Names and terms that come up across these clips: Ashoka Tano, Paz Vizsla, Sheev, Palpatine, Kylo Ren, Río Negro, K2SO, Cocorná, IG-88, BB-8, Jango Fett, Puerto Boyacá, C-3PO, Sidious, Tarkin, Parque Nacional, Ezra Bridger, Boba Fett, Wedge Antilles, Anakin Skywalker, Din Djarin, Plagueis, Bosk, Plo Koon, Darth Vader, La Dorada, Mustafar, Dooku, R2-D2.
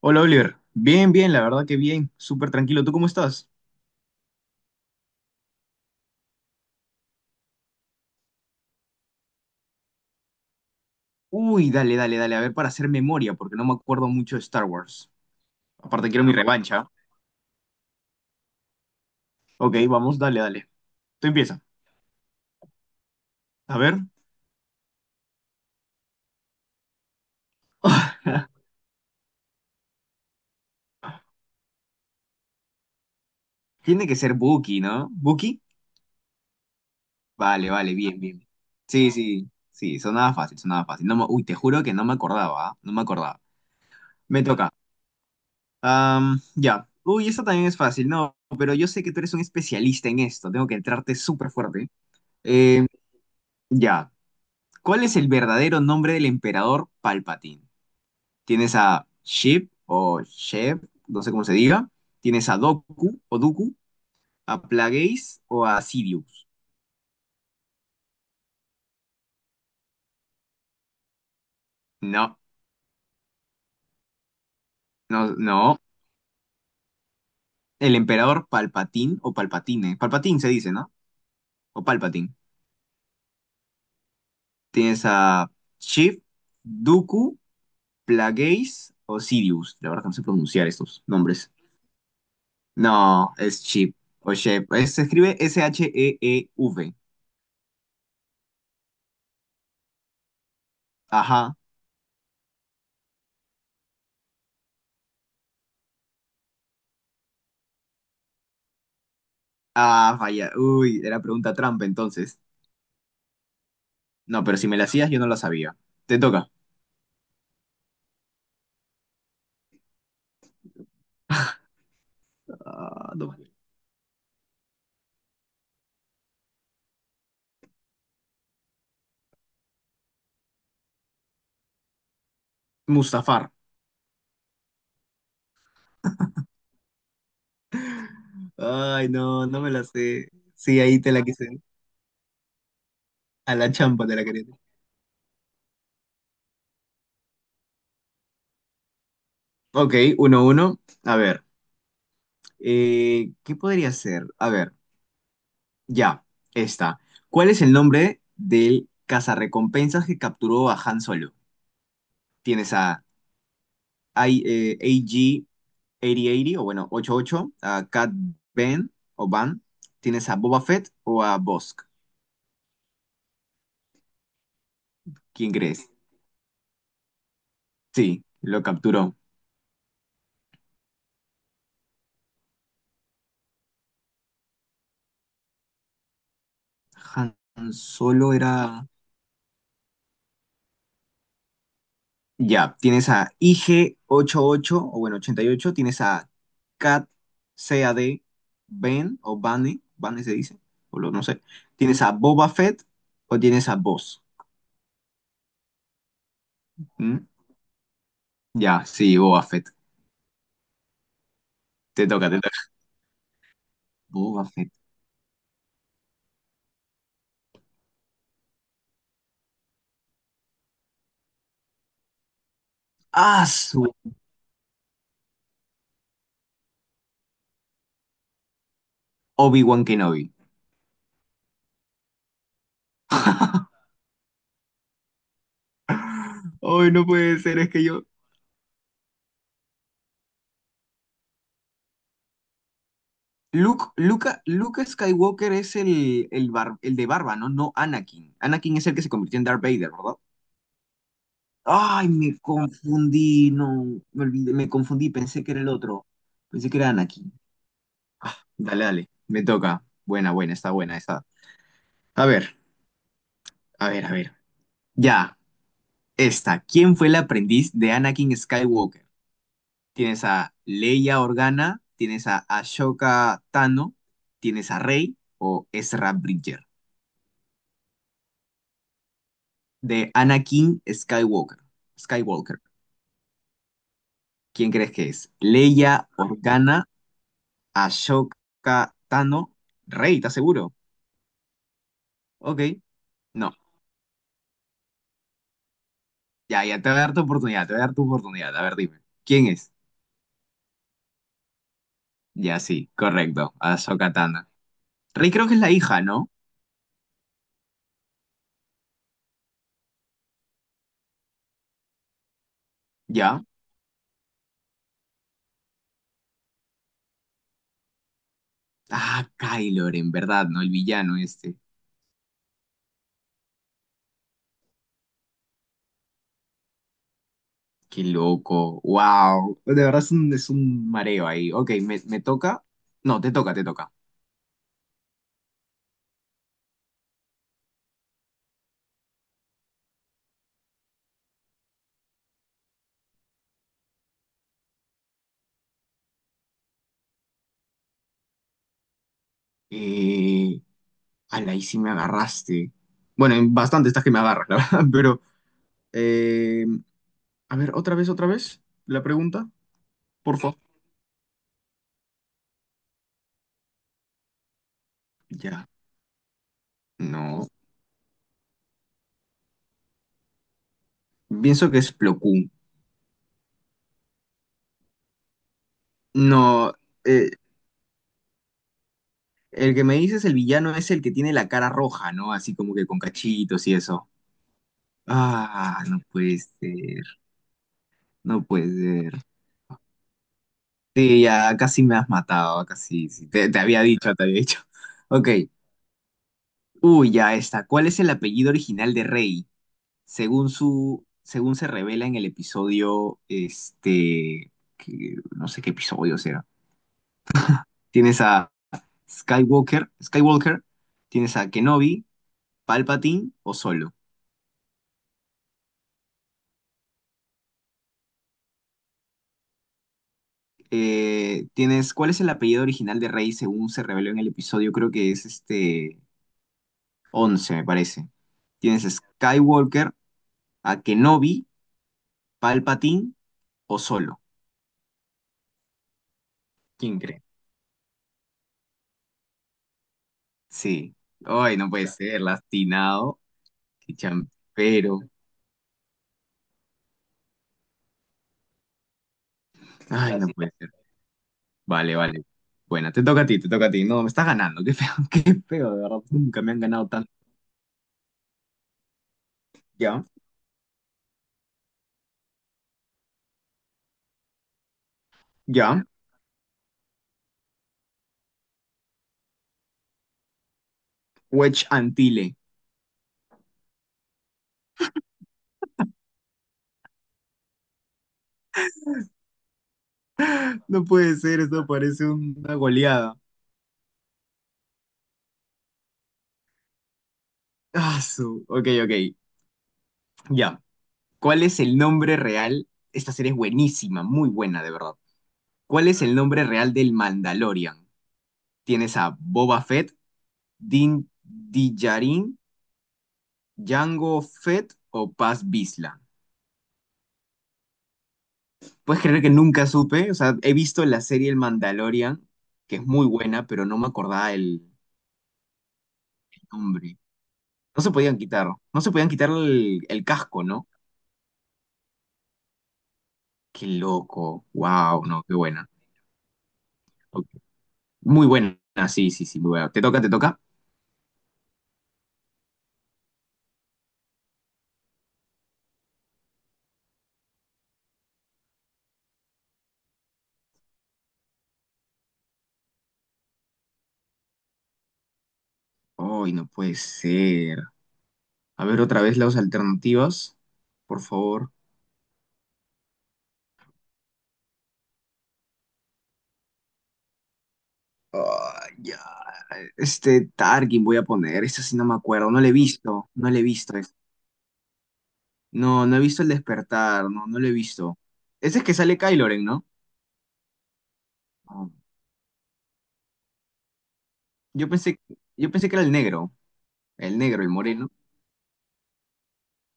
Hola Oliver, bien, bien, la verdad que bien, súper tranquilo. ¿Tú cómo estás? Uy, dale, dale, dale, a ver para hacer memoria, porque no me acuerdo mucho de Star Wars. Aparte quiero mi ah, bueno, revancha. Ok, vamos, dale, dale. Tú empieza. A ver. Tiene que ser Buki, ¿no? ¿Buki? Vale, vale, bien, bien. Sí, sí, sí, sonaba fácil, sonaba fácil. No me- uy, te juro que no me acordaba, ¿ah? No me acordaba. Me toca. Ya. Uy, esta también es fácil, no, pero yo sé que tú eres un especialista en esto. Tengo que entrarte súper fuerte. Eh, ya. ¿Cuál es el verdadero nombre del emperador Palpatine? ¿Tienes a Sheev o Sheev, no sé cómo se diga? ¿Tienes a Doku o Dooku, a Plagueis o a Sidious? No, no, no. El emperador Palpatine o Palpatine. Palpatine se dice, ¿no? O Palpatine. ¿Tienes a Sheev, Dooku, Plagueis o Sidious? La verdad que no sé pronunciar estos nombres. No, es Sheev o Sheev. Se escribe Sheev. Ajá. Ah, falla. Uy, era pregunta trampa entonces. No, pero si me la hacías, yo no la sabía. Te toca. Ah, no. Mustafar. Ay, no, no me la sé. Sí, ahí te la quise. A la champa te la quería. Ok, uno, uno. A ver. ¿Qué podría ser? A ver, ya. Esta. ¿Cuál es el nombre del cazarrecompensas que capturó a Han Solo? Tienes a I- eh, 8080 o bueno, 88, a Cat Ben o Van. Tienes a Boba Fett o a Bosk. ¿Quién crees? Sí, lo capturó. Han Solo era... Ya, tienes a IG88 o bueno, 88. Tienes a Cat CAD Ben o Bane. Bane se dice. No sé. Tienes a Boba Fett o tienes a Boss. ¿Mm? Ya, sí, Boba Fett. Te toca, te toca. Boba Fett. Ah, su. Obi-Wan Kenobi. Ay, no puede ser, es que yo, Luke Skywalker es el de barba, ¿no? No Anakin. Anakin es el que se convirtió en Darth Vader, ¿verdad? Ay, me confundí, no, me olvidé, me confundí, pensé que era el otro. Pensé que era Anakin. Ah, dale, dale, me toca. Buena, buena, está buena esa. A ver, a ver, a ver. Ya, esta. ¿Quién fue el aprendiz de Anakin Skywalker? Tienes a Leia Organa, tienes a Ashoka Tano, tienes a Rey o Ezra Bridger. De Anakin Skywalker. Skywalker. ¿Quién crees que es? Leia, Organa, Ashoka, Tano, Rey, ¿estás seguro? Ok, no. Ya, ya te voy a dar tu oportunidad, te voy a dar tu oportunidad. A ver, dime. ¿Quién es? Ya, sí, correcto. Ashoka Tano. Rey creo que es la hija, ¿no? Ya. Ah, Kylo en verdad, ¿no? El villano este. Qué loco. Wow. De verdad es un, mareo ahí. Ok, me toca. No, te toca, te toca. Eh, Ala, ahí sí me agarraste. Bueno, en bastante estás que me agarras, la verdad, pero... eh, a ver, otra vez, la pregunta, por favor. Ya, no. Pienso que es Plo Koon. No, eh, el que me dices el villano es el que tiene la cara roja, ¿no? Así como que con cachitos y eso. Ah, no puede ser, no puede ser. Sí, ya casi me has matado, casi, sí. Sí, Te había dicho, te había dicho. Ok, uy, ya está. ¿Cuál es el apellido original de Rey? Según se revela en el episodio, no sé qué episodio será. Tienes a Skywalker, tienes a Kenobi, Palpatine o Solo. ¿Cuál es el apellido original de Rey según se reveló en el episodio? Creo que es 11, me parece. Tienes a Skywalker, a Kenobi, Palpatine o Solo. ¿Quién cree? Sí. Ay, no puede ser, lastinado. Qué champero. Ay, no puede ser. Vale, vale. Bueno, te toca a ti, te toca a ti. No, me estás ganando. Qué feo, qué feo, de verdad. Nunca me han ganado tanto. Ya, ya. Wedge Antille. No puede ser, esto parece una goleada. Ah, su. Ok, ok. Ya. ¿Cuál es el nombre real? Esta serie es buenísima, muy buena, de verdad. ¿Cuál es el nombre real del Mandalorian? ¿Tienes a Boba Fett, Din Djarin, Jango Fett o Paz Vizsla? Puedes creer que nunca supe, o sea, he visto la serie El Mandalorian, que es muy buena, pero no me acordaba el nombre. No se podían quitar, no se podían quitar el, casco, ¿no? Qué loco, wow, no, qué buena. Ok. Muy buena, sí, sí, sí, muy buena. ¿Te toca, te toca? Ay, no puede ser. A ver otra vez las alternativas, por favor. Ay, ya. Este Tarkin voy a poner, esta sí no me acuerdo, no le he visto, no le he visto. No, no he visto el despertar, no, no lo he visto. Ese es que sale Kylo Ren, ¿no? Ah. Yo pensé, yo pensé que era el negro, el negro, el moreno.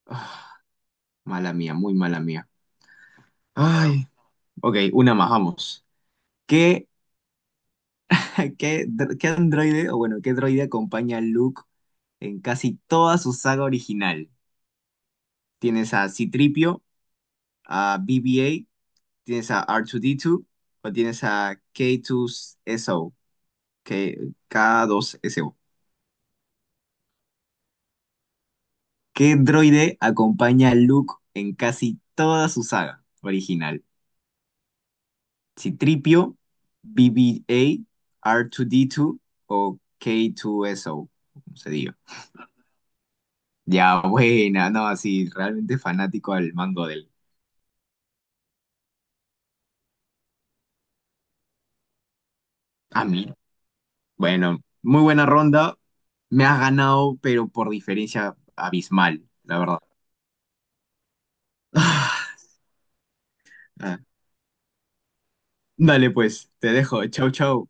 Ah, mala mía, muy mala mía. Ay, ok, una más, vamos. ¿Qué, qué, qué androide, o bueno, qué droide acompaña a Luke en casi toda su saga original? ¿Tienes a C-3PO, a BB-8, tienes a c 3 po a bb tienes a r 2 d 2 o tienes a K2SO, K- K2SO? ¿Qué droide acompaña a Luke en casi toda su saga original? ¿Citripio, BB-8, R2-D2 o K2SO? Como se diga. Ya, buena, no, así, realmente fanático al mango del... A mí. Bueno, muy buena ronda. Me has ganado, pero por diferencia abismal, la verdad. Ah, dale pues, te dejo. Chau, chau.